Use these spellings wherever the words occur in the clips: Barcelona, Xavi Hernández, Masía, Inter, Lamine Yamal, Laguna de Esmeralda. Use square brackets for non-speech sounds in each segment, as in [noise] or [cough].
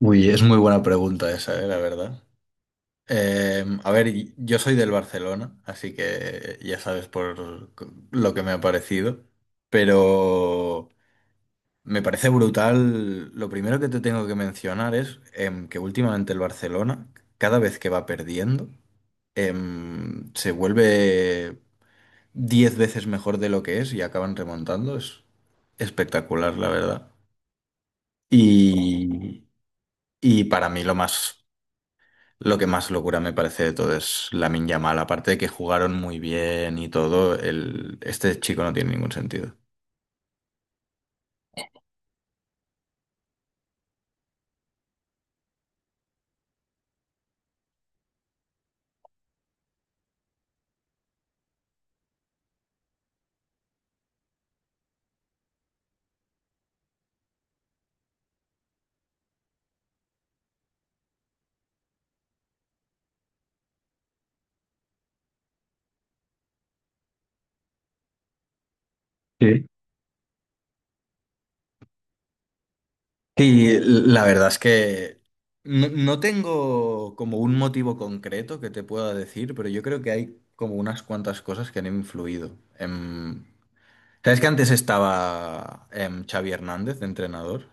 Uy, es muy buena pregunta esa, la verdad. A ver, yo soy del Barcelona, así que ya sabes por lo que me ha parecido, pero me parece brutal. Lo primero que te tengo que mencionar es que últimamente el Barcelona, cada vez que va perdiendo, se vuelve 10 veces mejor de lo que es y acaban remontando. Es espectacular, la verdad. Y, y para mí, lo que más locura me parece de todo es Lamine Yamal. Aparte de que jugaron muy bien y todo, este chico no tiene ningún sentido. Sí. Y la verdad es que no, no tengo como un motivo concreto que te pueda decir, pero yo creo que hay como unas cuantas cosas que han influido. ¿Sabes que antes estaba Xavi Hernández de entrenador?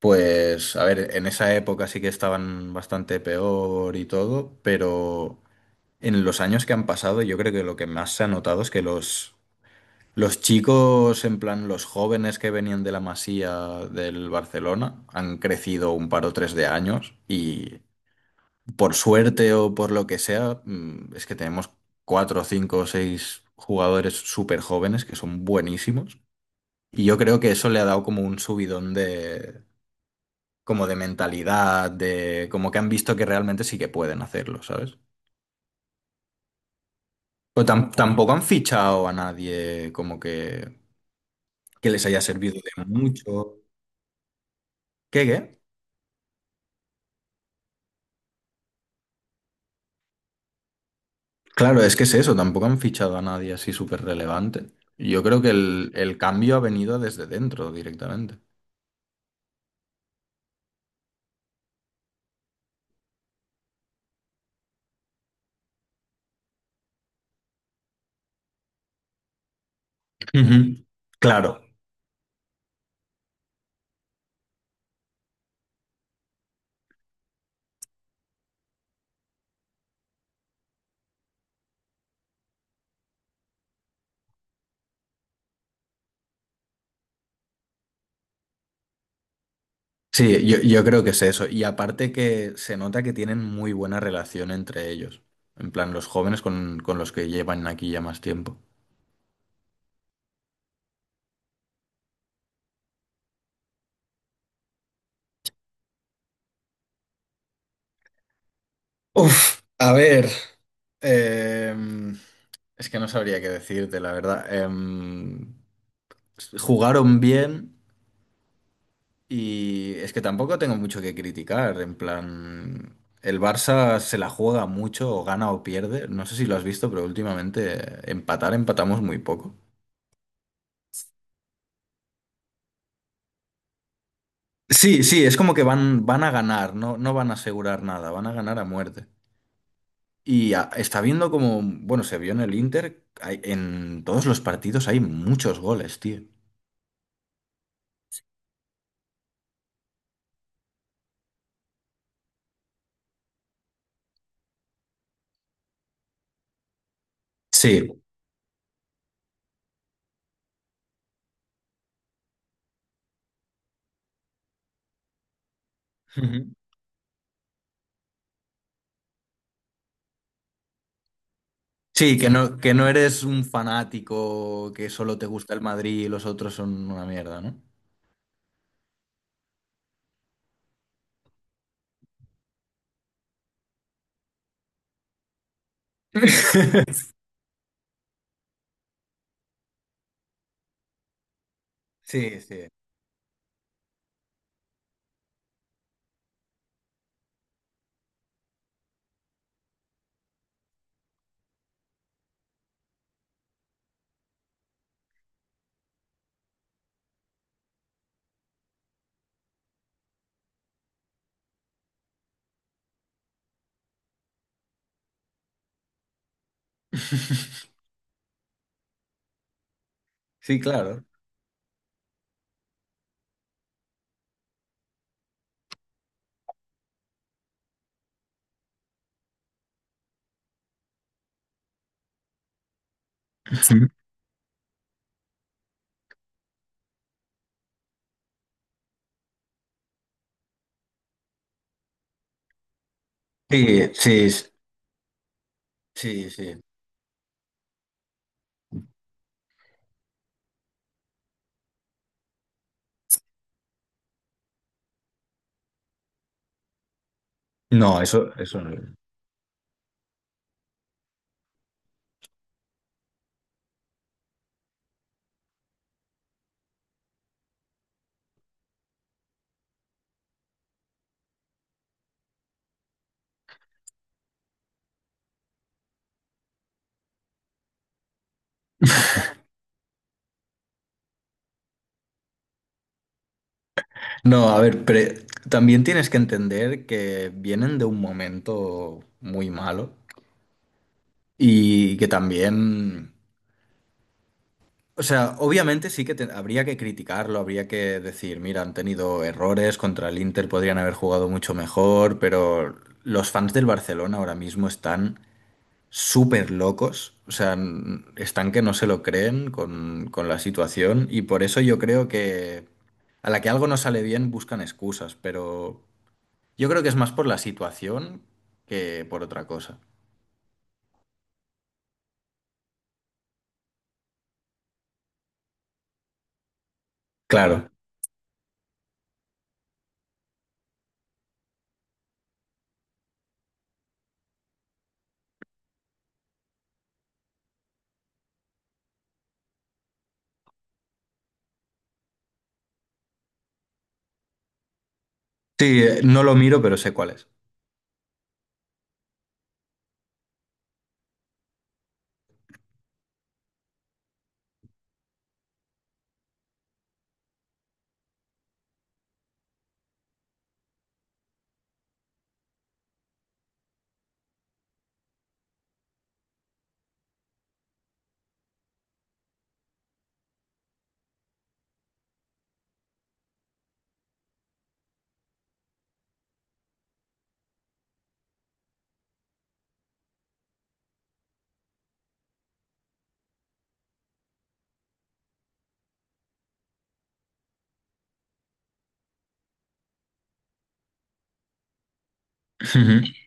Pues, a ver, en esa época sí que estaban bastante peor y todo, pero en los años que han pasado, yo creo que lo que más se ha notado es que los chicos, en plan los jóvenes que venían de la Masía del Barcelona, han crecido un par o tres de años y por suerte o por lo que sea, es que tenemos cuatro, cinco o seis jugadores súper jóvenes que son buenísimos. Y yo creo que eso le ha dado como un subidón de, como de mentalidad, de como que han visto que realmente sí que pueden hacerlo, ¿sabes? Pero tampoco han fichado a nadie como que les haya servido de mucho. ¿Qué, qué? Claro, es que es eso, tampoco han fichado a nadie así súper relevante. Yo creo que el cambio ha venido desde dentro directamente. Ujú. Claro, sí, yo creo que es eso. Y aparte que se nota que tienen muy buena relación entre ellos. En plan, los jóvenes con los que llevan aquí ya más tiempo. Uf, a ver. em, es que no sabría qué decirte, la verdad. Jugaron bien y es que tampoco tengo mucho que criticar. En plan, el Barça se la juega mucho, o gana o pierde. No sé si lo has visto, pero últimamente empatar, empatamos muy poco. Sí, sí, es como que van a ganar, no, no van a asegurar nada, van a ganar a muerte. Y está viendo como, bueno, se vio en el Inter, en todos los partidos hay muchos goles, tío. Sí. Ujú. Sí, que no eres un fanático que solo te gusta el Madrid y los otros son una mierda, ¿no? [laughs] Sí, sí. [laughs] Sí, claro. Sí. Sí, sí, sí, sí. No, eso no. No, a ver, pero también tienes que entender que vienen de un momento muy malo y que también. O sea, obviamente sí que habría que criticarlo, habría que decir, mira, han tenido errores, contra el Inter podrían haber jugado mucho mejor, pero los fans del Barcelona ahora mismo están súper locos, o sea, están que no se lo creen con, la situación y por eso yo creo que a la que algo no sale bien buscan excusas, pero yo creo que es más por la situación que por otra cosa. Claro, sí, no lo miro, pero sé cuál es. [laughs]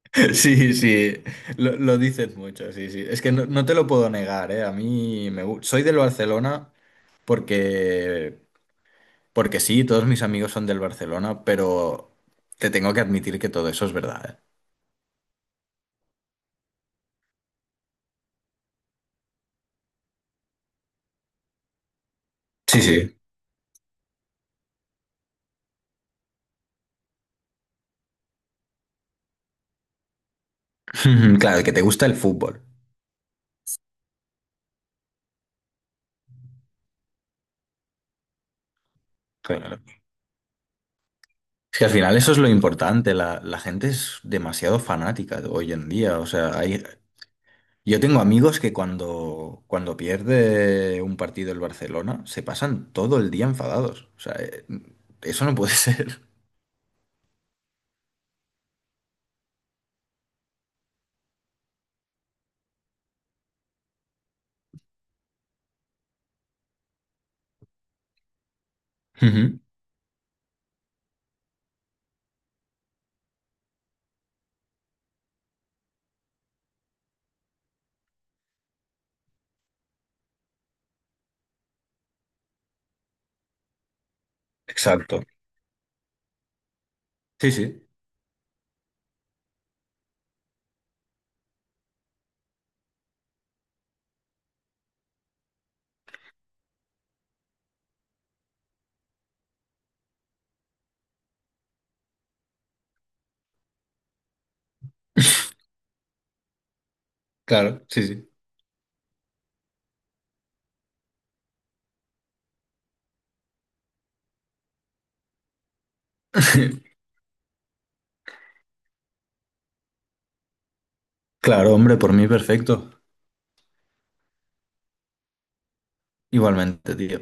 [laughs] Sí, sí, lo dices mucho, sí, sí. Es que no, no te lo puedo negar, ¿eh? A mí me gusta. Soy del Barcelona porque, porque sí, todos mis amigos son del Barcelona, pero te tengo que admitir que todo eso es verdad, ¿eh? Sí, sí. [laughs] Claro, que te gusta el fútbol. Claro. Es que al final eso es lo importante, la gente es demasiado fanática hoy en día, o sea, hay, yo tengo amigos que cuando pierde un partido el Barcelona se pasan todo el día enfadados. O sea, eso no puede [laughs] ser. Ujú. Exacto. Sí, sí. [laughs] Claro, sí, sí. [laughs] Claro, hombre, por mí perfecto. Igualmente, tío.